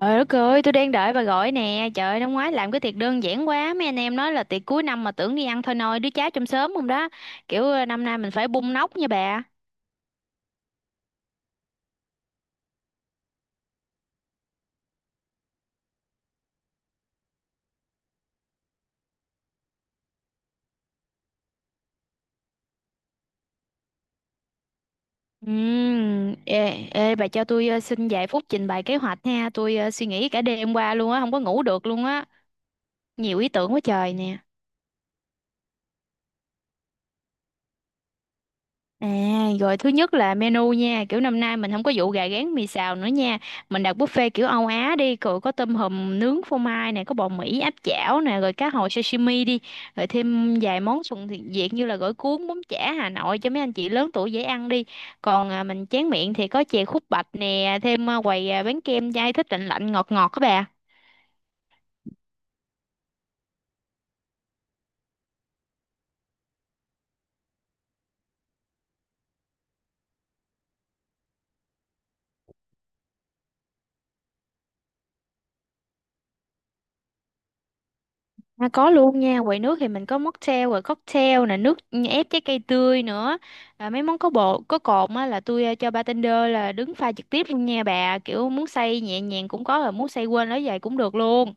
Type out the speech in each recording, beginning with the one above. Trời đất ơi, tôi đang đợi bà gọi nè. Trời ơi, năm ngoái làm cái tiệc đơn giản quá. Mấy anh em nói là tiệc cuối năm mà tưởng đi ăn thôi nôi, đứa cháu trong xóm không đó. Kiểu năm nay mình phải bung nóc nha bà. Ê, ê, bà cho tôi xin vài phút trình bày kế hoạch nha. Tôi suy nghĩ cả đêm qua luôn á, không có ngủ được luôn á. Nhiều ý tưởng quá trời nè. À, rồi thứ nhất là menu nha, kiểu năm nay mình không có vụ gà rán mì xào nữa nha. Mình đặt buffet kiểu Âu Á đi, rồi có tôm hùm nướng phô mai nè, có bò Mỹ áp chảo nè, rồi cá hồi sashimi đi, rồi thêm vài món thuần thiện Việt như là gỏi cuốn, bún chả Hà Nội cho mấy anh chị lớn tuổi dễ ăn đi. Còn mình chén miệng thì có chè khúc bạch nè, thêm quầy bán kem dai thích lạnh lạnh ngọt ngọt các bà. À, có luôn nha, quầy nước thì mình có mocktail rồi cocktail nè, nước ép trái cây tươi nữa. À, mấy món có bột, có cồn á là tôi cho bartender là đứng pha trực tiếp luôn nha bà, kiểu muốn xay nhẹ nhàng cũng có rồi muốn xay quên lấy vậy cũng được luôn.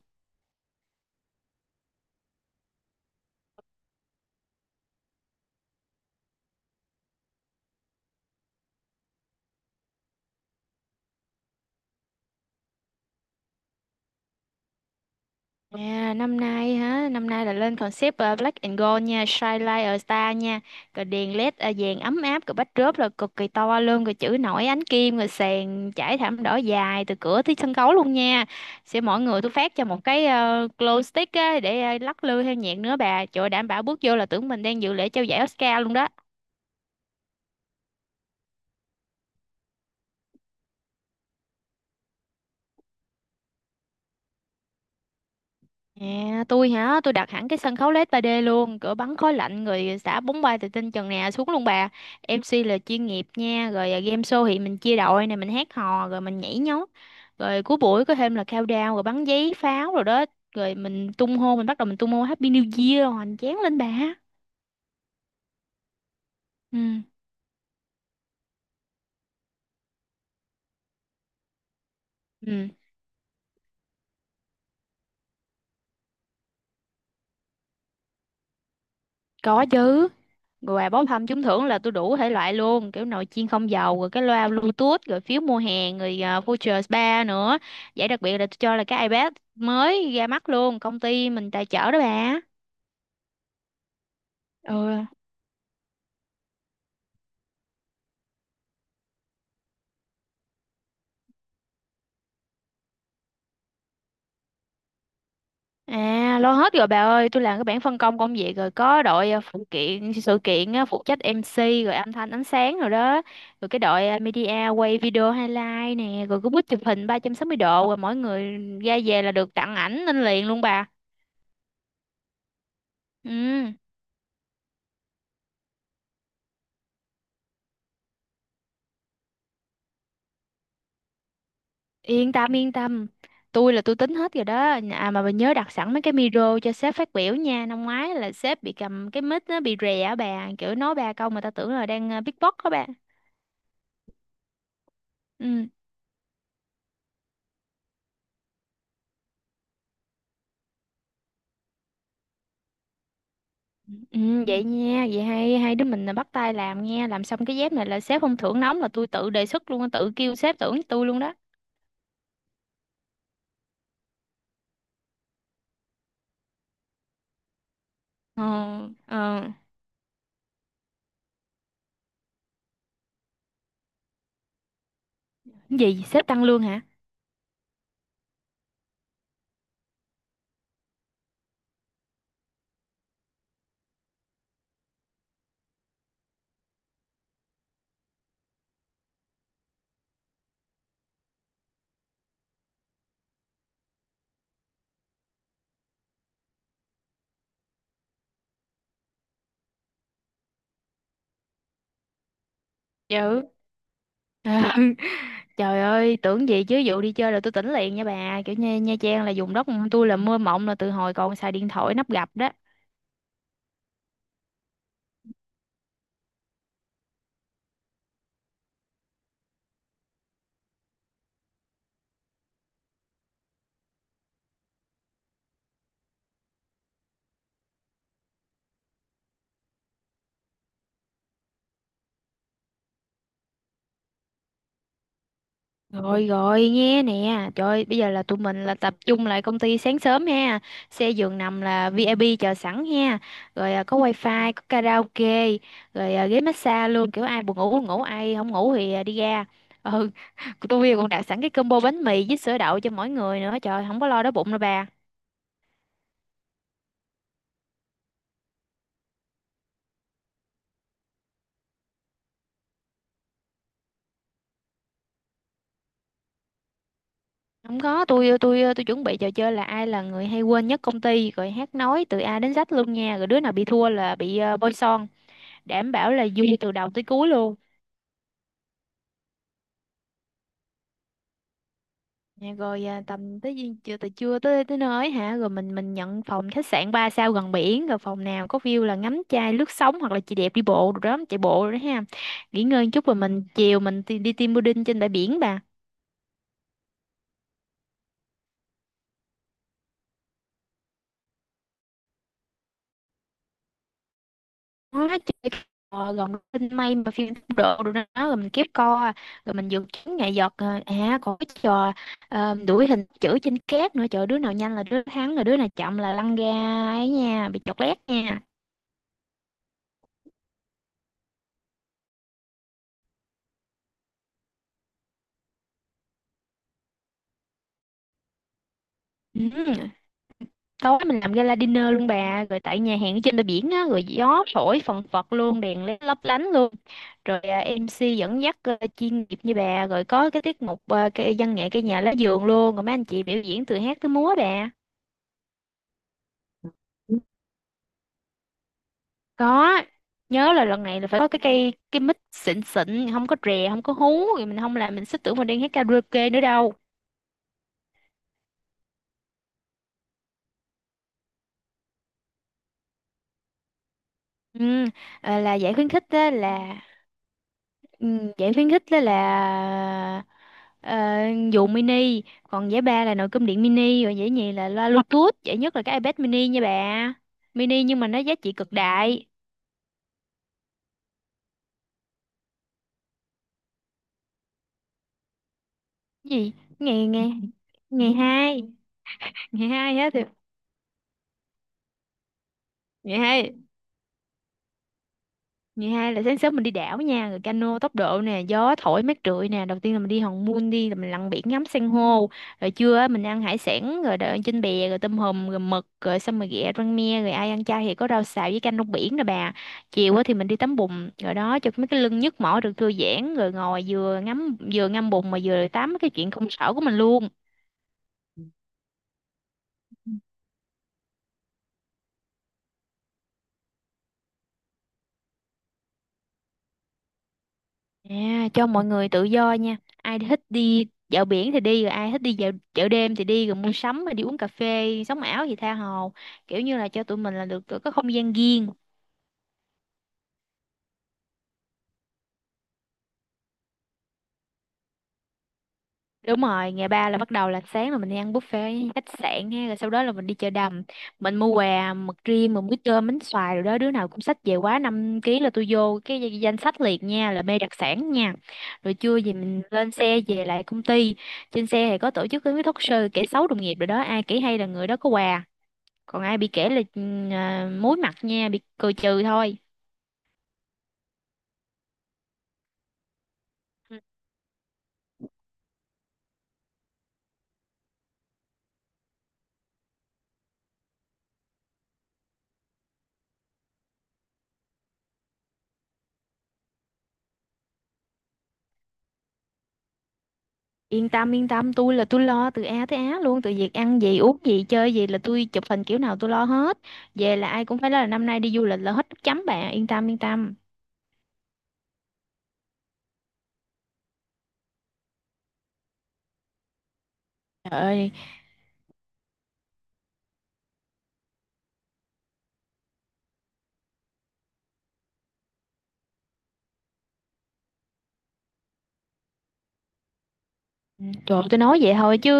À, năm nay hả? Năm nay là lên concept Black and Gold nha, Shine Like a Star nha. Rồi đèn LED vàng ấm áp, rồi backdrop là cực kỳ to luôn, rồi chữ nổi ánh kim, rồi sàn trải thảm đỏ dài từ cửa tới sân khấu luôn nha. Sẽ mỗi người tôi phát cho một cái glow stick á, để lắc lư theo nhạc nữa bà. Trời ơi, đảm bảo bước vô là tưởng mình đang dự lễ trao giải Oscar luôn đó. À, tôi hả? Tôi đặt hẳn cái sân khấu LED 3D luôn, cửa bắn khói lạnh người xả bóng bay từ trên trần nè xuống luôn bà. MC là chuyên nghiệp nha, rồi game show thì mình chia đội này mình hát hò rồi mình nhảy nhót. Rồi cuối buổi có thêm là countdown rồi bắn giấy pháo rồi đó. Rồi mình tung hô mình bắt đầu mình tung hô Happy New Year rồi hoành tráng lên bà. Ừ. Ừ, có chứ. Quà bốc thăm trúng thưởng là tôi đủ thể loại luôn, kiểu nồi chiên không dầu rồi cái loa Bluetooth rồi phiếu mua hàng rồi voucher spa nữa. Giải đặc biệt là tôi cho là cái iPad mới ra mắt luôn, công ty mình tài trợ đó bà. Ừ. À, lo hết rồi bà ơi, tôi làm cái bảng phân công công việc rồi, có đội phụ kiện sự kiện á, phụ trách MC rồi âm thanh ánh sáng rồi đó, rồi cái đội media quay video highlight nè, rồi cái bút chụp hình 360 độ, rồi mỗi người ra về là được tặng ảnh lên liền luôn bà. Ừ. Yên tâm yên tâm. Tôi là tôi tính hết rồi đó. À mà bà nhớ đặt sẵn mấy cái micro cho sếp phát biểu nha. Năm ngoái là sếp bị cầm cái mic nó bị rè á bà. Kiểu nói ba câu mà ta tưởng là đang beatbox đó bà. Ừ. Ừ. Ừ. Vậy nha. Vậy hai hai đứa mình là bắt tay làm nha. Làm xong cái dép này là sếp không thưởng nóng là tôi tự đề xuất luôn, tự kêu sếp thưởng tôi luôn đó. Ờ. Ờ. Gì? Sếp tăng lương hả? Dạ. Ừ. Trời ơi, tưởng gì chứ vụ đi chơi là tôi tỉnh liền nha bà. Kiểu như Nha Trang là vùng đất tôi là mơ mộng là từ hồi còn xài điện thoại nắp gập đó. Rồi rồi, nghe nè. Trời ơi, bây giờ là tụi mình là tập trung lại công ty sáng sớm ha. Xe giường nằm là VIP chờ sẵn ha. Rồi có wifi, có karaoke, rồi ghế massage luôn. Kiểu ai buồn ngủ ngủ, ai không ngủ thì đi ra. Ừ, tôi còn đặt sẵn cái combo bánh mì với sữa đậu cho mỗi người nữa. Trời, không có lo đói bụng đâu bà. Không có, tôi chuẩn bị trò chơi là ai là người hay quên nhất công ty rồi hát nói từ A đến Z luôn nha, rồi đứa nào bị thua là bị bôi son, đảm bảo là vui từ đầu tới cuối luôn. Nha, rồi chưa, từ trưa tới tới nơi hả, rồi mình nhận phòng khách sạn 3 sao gần biển, rồi phòng nào có view là ngắm chai lướt sóng hoặc là chị đẹp đi bộ rồi đó, chạy bộ rồi đó ha. Nghỉ ngơi một chút rồi mình chiều mình đi team building trên bãi biển bà. Nó chỉ gần tinh may mà phim độ rồi đó, rồi mình kiếp co, rồi mình dự kiến nghệ thuật còn cái trò đuổi hình chữ trên cát nữa. Trời, đứa nào nhanh là đứa thắng, rồi đứa nào chậm là lăn ra ấy nha, bị chọt lét nha. Ừ. Tối mình làm gala dinner luôn bà, rồi tại nhà hàng ở trên bờ biển á, rồi gió thổi phần phật luôn, đèn led lấp lánh luôn, rồi MC dẫn dắt chuyên nghiệp như bà, rồi có cái tiết mục cái văn nghệ cây nhà lá vườn luôn, rồi mấy anh chị biểu diễn từ hát tới múa bà. Có nhớ là lần này là phải có cái cây cái mic xịn xịn, không có rè, không có hú, rồi mình không làm mình sẽ tưởng mình đang hát karaoke nữa đâu. Ừ, là giải khuyến khích á là. Ừ, giải khuyến khích á là ờ, dù mini, còn giải ba là nồi cơm điện mini, rồi giải nhì là loa Bluetooth, giải nhất là cái iPad mini nha bà. Mini nhưng mà nó giá trị cực đại. Gì? Ngày ngày ngày hai, ngày hai hết rồi, ngày hai ngày hai là sáng sớm mình đi đảo nha, rồi cano tốc độ nè, gió thổi mát rượi nè. Đầu tiên là mình đi Hòn Mun, đi là mình lặn biển ngắm san hô, rồi trưa á mình ăn hải sản rồi đợi trên bè, rồi tôm hùm, rồi mực, rồi xong rồi ghẹ rang me, rồi ai ăn chay thì có rau xào với canh rong biển nè bà. Chiều á thì mình đi tắm bùn rồi đó, cho mấy cái lưng nhức mỏi được thư giãn, rồi ngồi vừa ngắm vừa ngâm bùn mà vừa tám cái chuyện công sở của mình luôn. À, cho mọi người tự do nha. Ai thích đi dạo biển thì đi, rồi ai thích đi dạo chợ đêm thì đi, rồi mua sắm rồi đi uống cà phê, sống ảo thì tha hồ. Kiểu như là cho tụi mình là được có không gian riêng. Đúng rồi, ngày ba là bắt đầu là sáng là mình đi ăn buffet ở khách sạn ha, rồi sau đó là mình đi chợ đầm, mình mua quà mực riêng, mình muối cơm, bánh xoài rồi đó, đứa nào cũng xách về quá 5 ký là tôi vô cái danh danh sách liệt nha, là mê đặc sản nha. Rồi trưa thì mình lên xe về lại công ty, trên xe thì có tổ chức cái talk show kể xấu đồng nghiệp rồi đó, ai kể hay là người đó có quà, còn ai bị kể là muối mặt nha, bị cười trừ thôi. Ừ. Yên tâm yên tâm, tôi là tôi lo từ A tới Á luôn, từ việc ăn gì uống gì chơi gì là tôi chụp hình kiểu nào tôi lo hết. Về là ai cũng phải nói là năm nay đi du lịch là hết nước chấm bạn. Yên tâm yên tâm. Trời ơi. Ừ, trời tôi nói vậy thôi chứ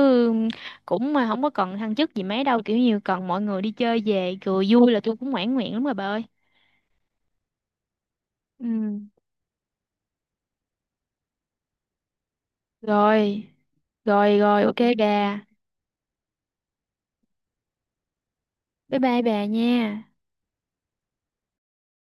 cũng mà không có cần thăng chức gì mấy đâu, kiểu như cần mọi người đi chơi về cười vui là tôi cũng mãn nguyện lắm rồi bà ơi. Ừ. Rồi rồi rồi, ok bà. Bye bye bà nha.